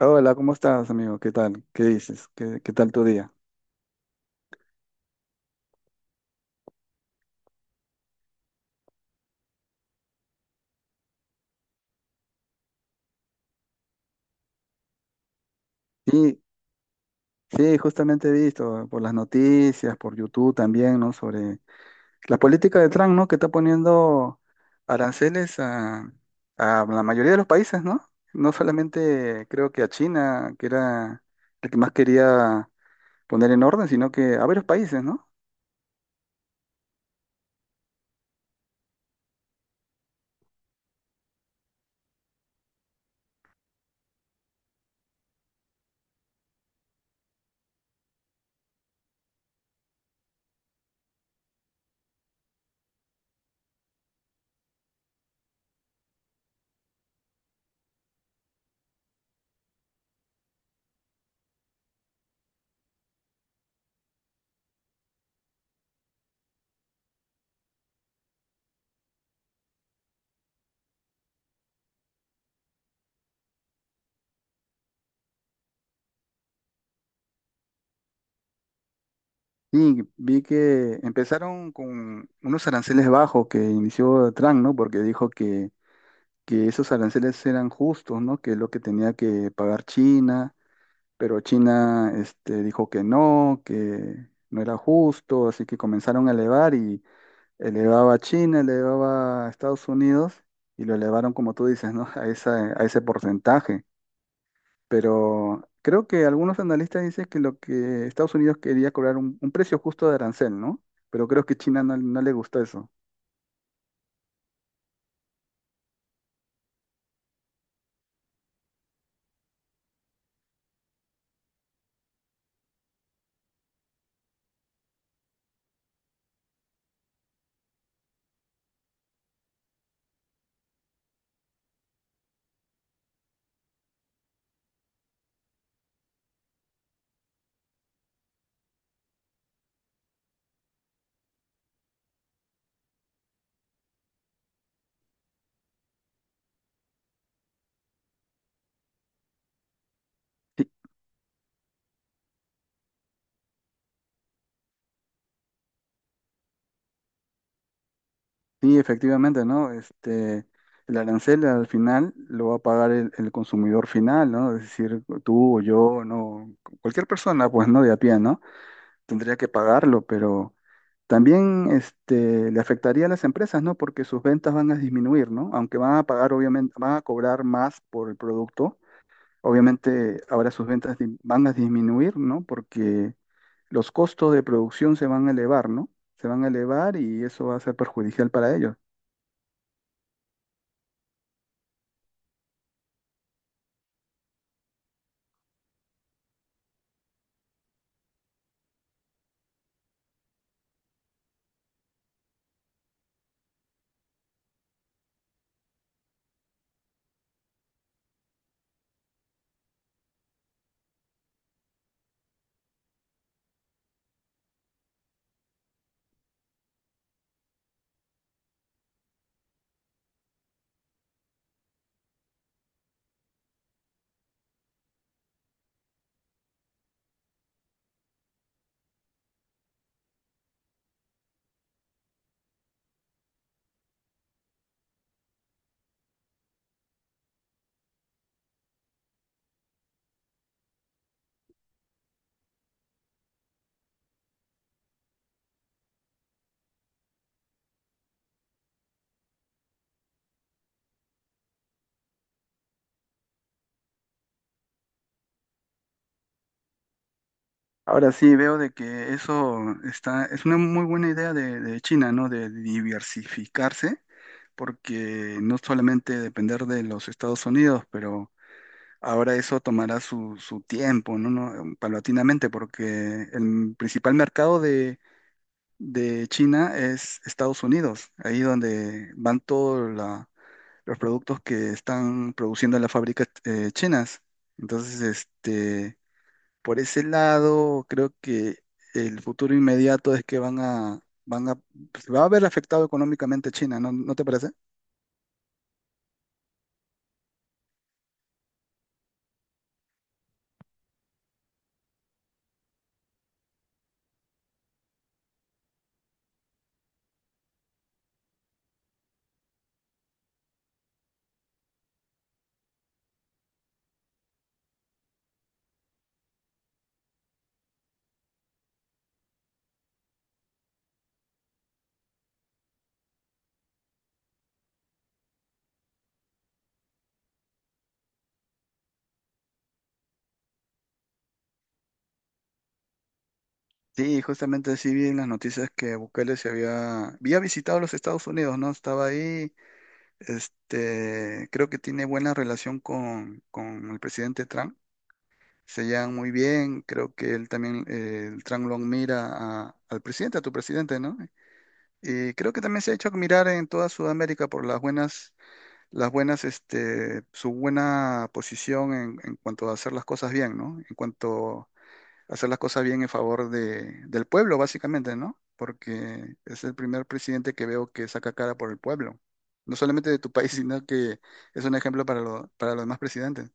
Hola, ¿cómo estás, amigo? ¿Qué tal? ¿Qué dices? ¿Qué tal tu día? Sí, sí, justamente he visto por las noticias, por YouTube también, ¿no? Sobre la política de Trump, ¿no? Que está poniendo aranceles a la mayoría de los países, ¿no? No solamente creo que a China, que era el que más quería poner en orden, sino que a varios países, ¿no? Y vi que empezaron con unos aranceles bajos que inició Trump, ¿no? Porque dijo que esos aranceles eran justos, ¿no? Que es lo que tenía que pagar China, pero China, este, dijo que no era justo, así que comenzaron a elevar y elevaba a China, elevaba a Estados Unidos y lo elevaron, como tú dices, ¿no? A esa, a ese porcentaje. Pero creo que algunos analistas dicen que lo que Estados Unidos quería cobrar un precio justo de arancel, ¿no? Pero creo que China no, no le gustó eso. Sí, efectivamente, ¿no? Este, el arancel al final lo va a pagar el consumidor final, ¿no? Es decir, tú o yo, no, cualquier persona, pues, ¿no? De a pie, ¿no? Tendría que pagarlo, pero también, este, le afectaría a las empresas, ¿no? Porque sus ventas van a disminuir, ¿no? Aunque van a pagar, obviamente, van a cobrar más por el producto, obviamente ahora sus ventas di- van a disminuir, ¿no? Porque los costos de producción se van a elevar, ¿no? Se van a elevar y eso va a ser perjudicial para ellos. Ahora sí, veo de que eso está, es una muy buena idea de China, ¿no? De diversificarse, porque no solamente depender de los Estados Unidos, pero ahora eso tomará su, su tiempo, ¿no? Paulatinamente, porque el principal mercado de China es Estados Unidos, ahí donde van todos la- los productos que están produciendo las fábricas chinas. Entonces, este... Por ese lado, creo que el futuro inmediato es que van a, se va a ver afectado económicamente China, ¿no, no te parece? Sí, justamente sí vi en las noticias que Bukele se había, había visitado los Estados Unidos, ¿no? Estaba ahí, este, creo que tiene buena relación con el presidente Trump, se llevan muy bien, creo que él también, el Trump lo mira a- al presidente, a tu presidente, ¿no? Y creo que también se ha hecho admirar en toda Sudamérica por las buenas, este, su buena posición en cuanto a hacer las cosas bien, ¿no? En cuanto a hacer las cosas bien en favor de, del pueblo, básicamente, ¿no? Porque es el primer presidente que veo que saca cara por el pueblo. No solamente de tu país, sino que es un ejemplo para, lo- para los demás presidentes.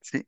Sí,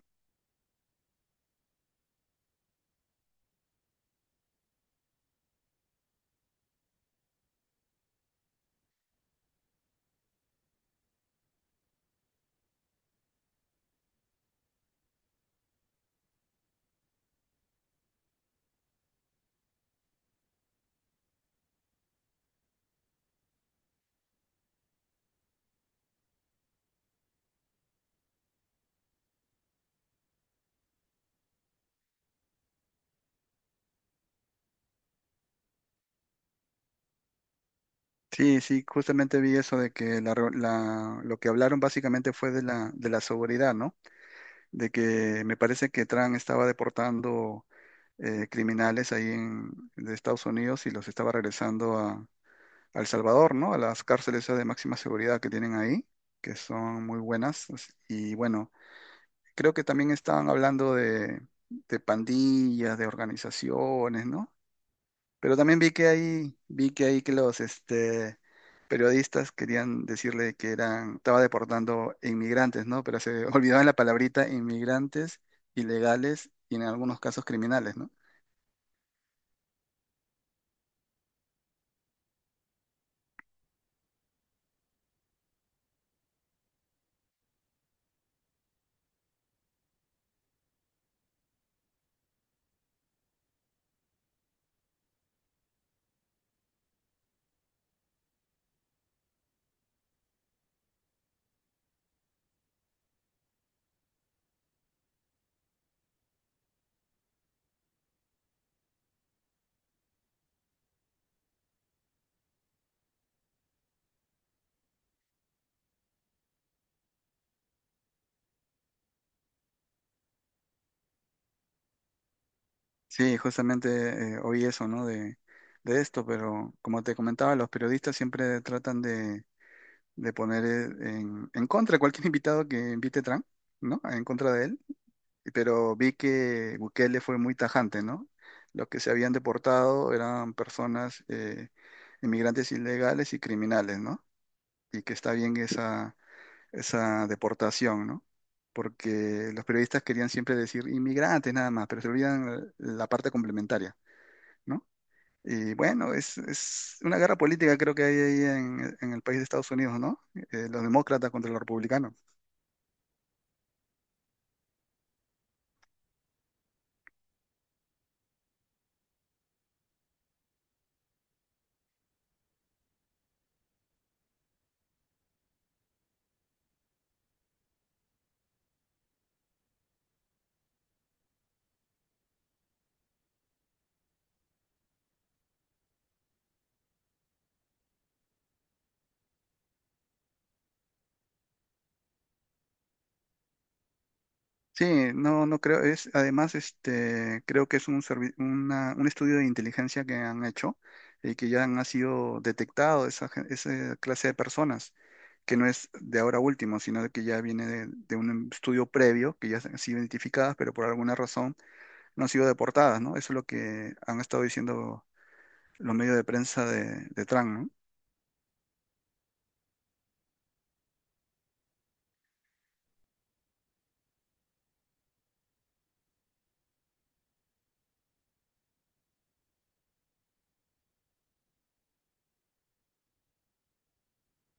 sí, sí, justamente vi eso de que la, reu- la- lo que hablaron básicamente fue de la seguridad, ¿no? De que me parece que Trump estaba deportando criminales ahí en, de Estados Unidos y los estaba regresando a El Salvador, ¿no? A las cárceles de máxima seguridad que tienen ahí, que son muy buenas. As- Y bueno, creo que también estaban hablando de pandillas, de organizaciones, ¿no? Pero también vi que ahí que los este, periodistas querían decirle que eran, estaba deportando inmigrantes, ¿no? Pero se olvidaban la palabrita inmigrantes, ilegales y en algunos casos criminales, ¿no? Sí, justamente oí eso, ¿no? De esto, pero como te comentaba, los periodistas siempre tratan de poner en contra cualquier invitado que invite Trump, ¿no? En contra de él. Pero vi que Bukele fue muy tajante, ¿no? Los que se habían deportado eran personas, inmigrantes ilegales y criminales, ¿no? Y que está bien esa, esa deportación, ¿no? Porque los periodistas querían siempre decir inmigrantes nada más, pero se olvidan la parte complementaria. ¿No? Y bueno, es una guerra política creo que hay ahí en el país de Estados Unidos, ¿no? Los demócratas contra los republicanos. Sí, no, no creo, es, además, este, creo que es un, servi- una- un estudio de inteligencia que han hecho y que ya han, ha sido detectado esa, gen- esa clase de personas, que no es de ahora último, sino de que ya viene de un estudio previo, que ya han sido identificadas, pero por alguna razón no han sido deportadas, ¿no? Eso es lo que han estado diciendo los medios de prensa de Trump, ¿no?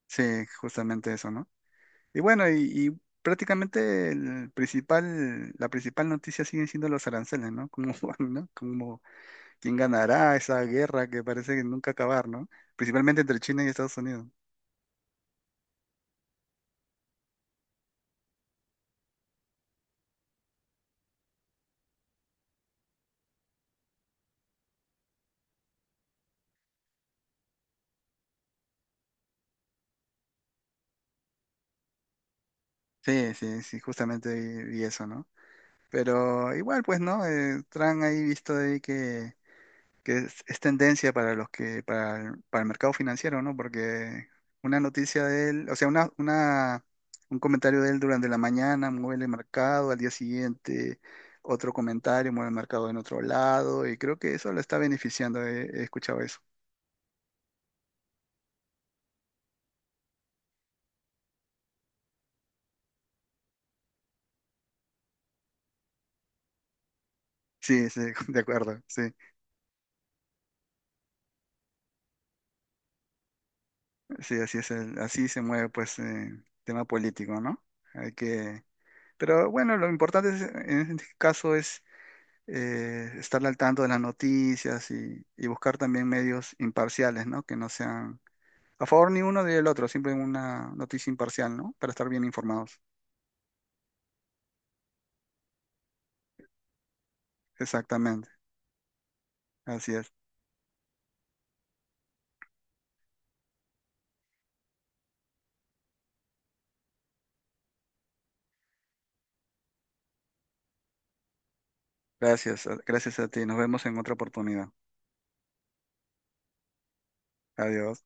Sí, justamente eso, ¿no? Y bueno, y prácticamente el principal, la principal noticia siguen siendo los aranceles, ¿no? Como, van, ¿no? Como quién ganará esa guerra que parece que nunca acabar, ¿no? Principalmente entre China y Estados Unidos. Sí, sí, sí, justamente y eso, ¿no? Pero igual, pues, ¿no? Trump ahí visto ahí que es tendencia para los que, para el mercado financiero, ¿no? Porque una noticia de él, o sea, una, un comentario de él durante la mañana mueve el mercado, al día siguiente otro comentario mueve el mercado en otro lado, y creo que eso lo está beneficiando, he, he escuchado eso. Sí, sí, de acuerdo, sí, sí, así es, el- así se mueve pues el tema político, ¿no? Hay que, pero bueno, lo importante es- en este caso es estar al tanto de las noticias y buscar también medios imparciales, ¿no? Que no sean a favor ni uno ni el otro, siempre una noticia imparcial, ¿no? Para estar bien informados. Exactamente, así es. Gracias, gracias a ti. Nos vemos en otra oportunidad. Adiós.